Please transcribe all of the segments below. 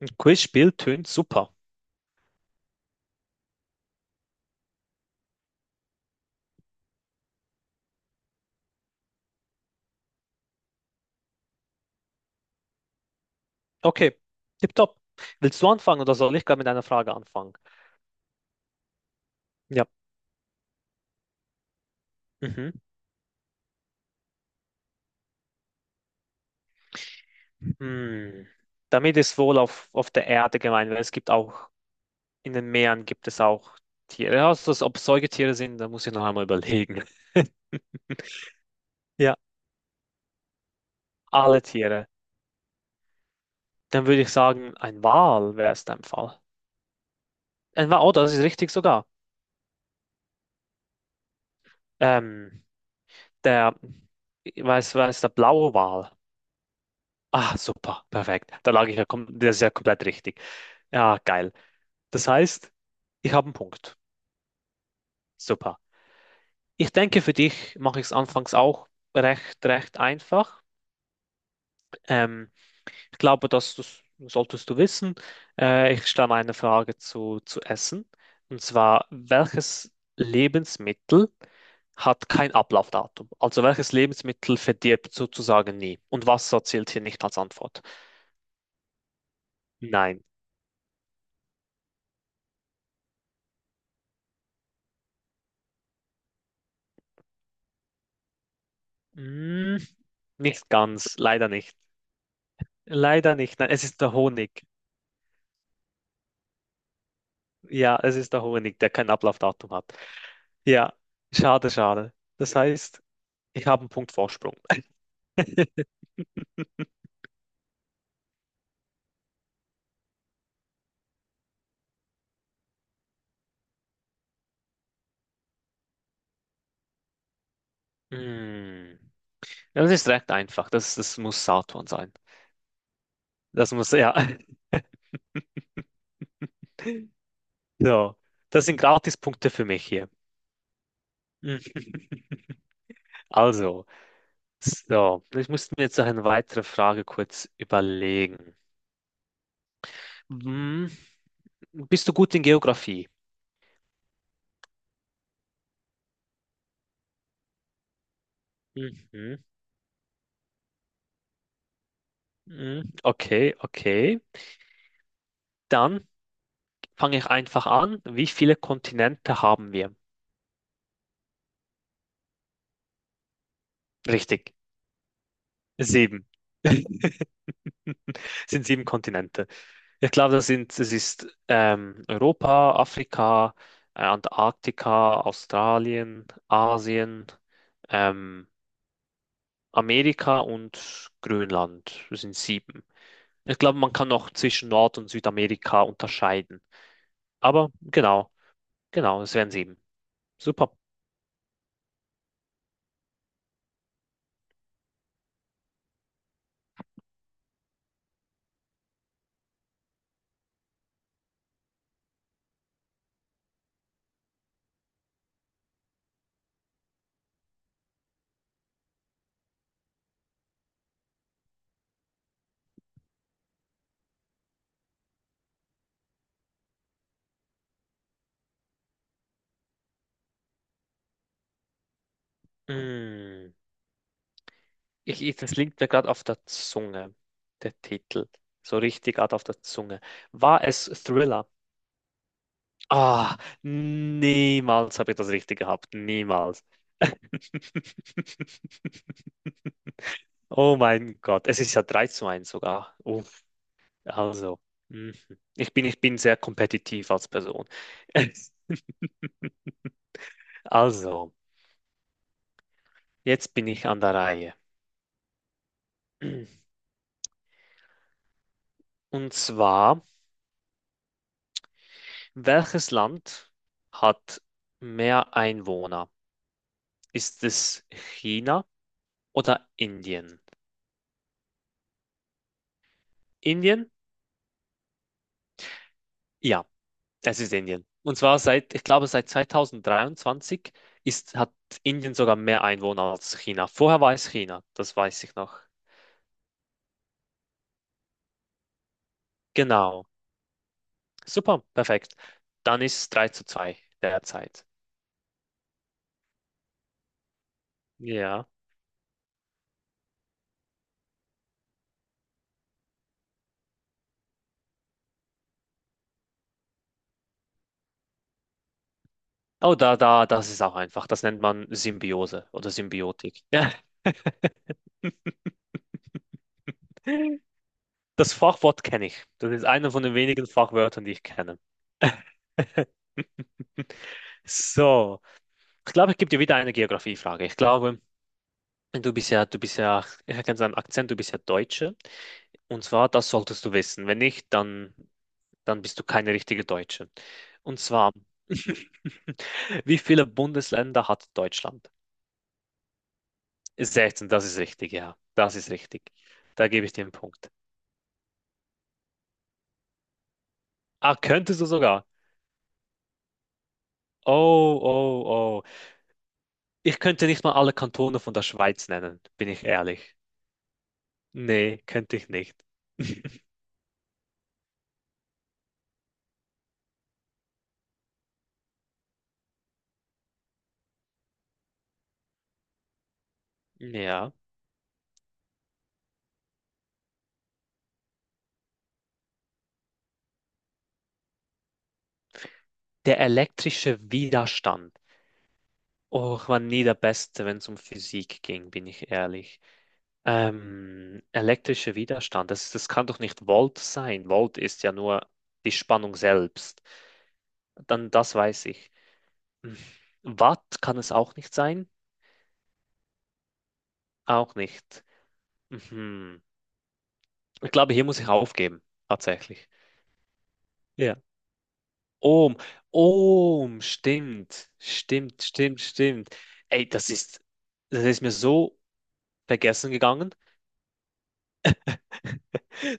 Ein Quizspiel tönt super. Okay, tipptopp. Willst du anfangen oder soll ich gar mit einer Frage anfangen? Ja. Mhm. Hm. Damit ist wohl auf der Erde gemeint, weil es gibt auch, in den Meeren gibt es auch Tiere. Also, ob es Säugetiere sind, da muss ich noch einmal überlegen. Ja, alle Tiere. Dann würde ich sagen, ein Wal wäre es dein Fall. Ein Wal, oh, das ist richtig sogar. Ähm, der, der blaue Wal. Ah, super, perfekt. Da lag ich ja, das ist ja komplett richtig. Ja, geil. Das heißt, ich habe einen Punkt. Super. Ich denke, für dich mache ich es anfangs auch recht einfach. Ähm, Ich glaube, dass das solltest du wissen. Ich stelle eine Frage zu Essen. Und zwar, welches Lebensmittel hat kein Ablaufdatum? Also welches Lebensmittel verdirbt sozusagen nie? Und Wasser zählt hier nicht als Antwort. Nein. Mm, nicht ganz. Leider nicht. Leider nicht. Nein, es ist der Honig. Ja, es ist der Honig, der kein Ablaufdatum hat. Ja, schade, schade. Das heißt, ich habe einen Punkt Vorsprung. Mm. Ja, das ist recht einfach. Das muss Saturn sein. Das muss, ja. So, das sind Gratispunkte für mich hier. Mhm. Also, so, ich musste mir jetzt noch eine weitere Frage kurz überlegen. Hm, bist du gut in Geografie? Mhm. Mhm. Okay, okay. Dann fange ich einfach an. Wie viele Kontinente haben wir? Richtig, sieben. sind sieben Kontinente. Ich glaube, das ist Europa, Afrika, Antarktika, Australien, Asien, ähm, Amerika und Grönland. Das sind sieben. Ich glaube, man kann noch zwischen Nord- und Südamerika unterscheiden. Aber genau, genau, es wären sieben. Super. Mm, das liegt mir gerade auf der Zunge, der Titel. So richtig gerade auf der Zunge. War es Thriller? Ah, niemals habe ich das richtig gehabt. Niemals. Oh mein Gott, es ist ja 3-1 sogar. Uff, also, mhm. Ich bin sehr kompetitiv als Person. Also, jetzt bin ich an der Reihe. Und zwar, welches Land hat mehr Einwohner? Ist es China oder Indien? Indien? Ja. Es ist Indien. Und zwar seit, ich glaube, seit 2023 ist, hat Indien sogar mehr Einwohner als China. Vorher war es China, das weiß ich noch. Genau. Super, perfekt. Dann ist es 3 zu 2 derzeit. Ja. Oh, das ist auch einfach. Das nennt man Symbiose oder Symbiotik. Ja. Das Fachwort kenne ich. Das ist einer von den wenigen Fachwörtern, die ich kenne. So, ich glaube, ich gebe dir wieder eine Geografiefrage. Ich glaube, du bist ja, ich erkenne seinen Akzent, du bist ja Deutsche. Und zwar, das solltest du wissen. Wenn nicht, dann, dann bist du keine richtige Deutsche. Und zwar, wie viele Bundesländer hat Deutschland? 16. Das ist richtig, ja. Das ist richtig. Da gebe ich dir einen Punkt. Ah, könntest du sogar. Oh, oh, oh. Ich könnte nicht mal alle Kantone von der Schweiz nennen, bin ich ehrlich. Nee, könnte ich nicht. Ja. Der elektrische Widerstand. Oh, ich war nie der Beste, wenn es um Physik ging, bin ich ehrlich. Elektrischer Widerstand, das kann doch nicht Volt sein. Volt ist ja nur die Spannung selbst. Dann das weiß ich. Hm. Watt kann es auch nicht sein? Auch nicht. Mhm. Ich glaube, hier muss ich aufgeben, tatsächlich. Ja. Ohm, Ohm, stimmt, stimmt, stimmt, stimmt. Ey, das ist mir so vergessen gegangen.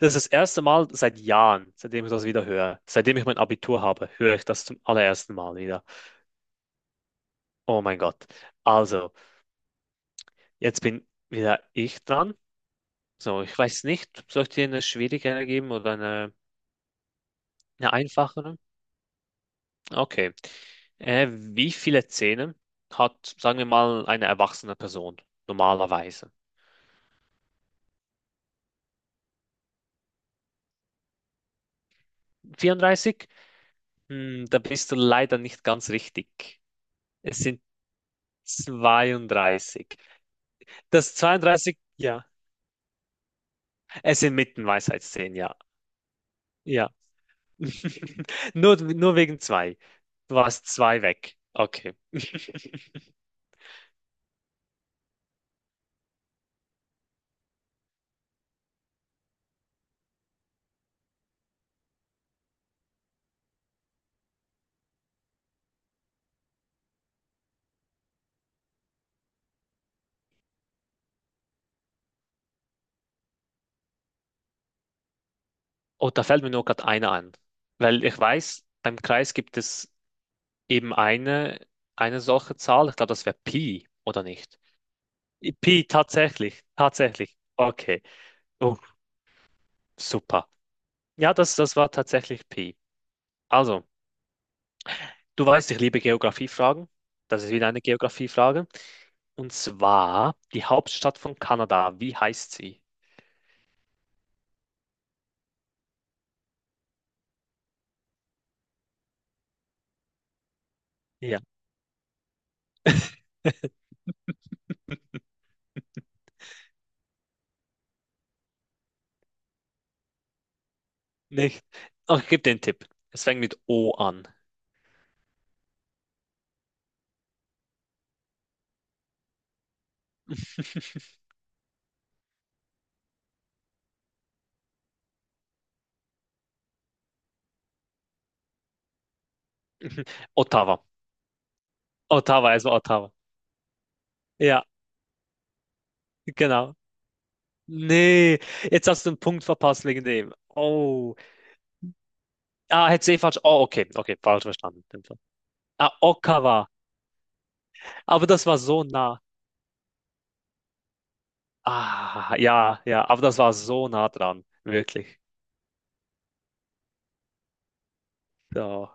Das ist das erste Mal seit Jahren, seitdem ich das wieder höre. Seitdem ich mein Abitur habe, höre ich das zum allerersten Mal wieder. Oh mein Gott. Also, jetzt bin wieder ich dran. So, ich weiß nicht, soll ich dir eine schwierigere geben oder eine einfachere? Okay. Wie viele Zähne hat, sagen wir mal, eine erwachsene Person normalerweise? 34? Hm, da bist du leider nicht ganz richtig. Es sind 32. Das 32, ja. Es sind mitten Weisheitszähne, ja. Ja. Nur, nur wegen zwei. Du warst zwei weg. Okay. Oh, da fällt mir nur gerade eine an. Weil ich weiß, beim Kreis gibt es eben eine solche Zahl. Ich glaube, das wäre Pi, oder nicht? Pi, tatsächlich. Tatsächlich. Okay. Oh, super. Ja, das war tatsächlich Pi. Also, du weißt, ich liebe Geografiefragen. Das ist wieder eine Geografiefrage. Und zwar die Hauptstadt von Kanada. Wie heißt sie? Ja, nicht. Oh, ich gebe dir einen Tipp. Es fängt mit O an. Ottawa. Ottawa, also Ottawa. Ja, genau. Nee, jetzt hast du einen Punkt verpasst wegen dem. Oh. Ah, hätte ich eh falsch. Oh, okay, okay, falsch verstanden. In dem Fall. Ah, Ottawa. Aber das war so nah. Ah, ja, ja, aber das war so nah dran. Wirklich. So.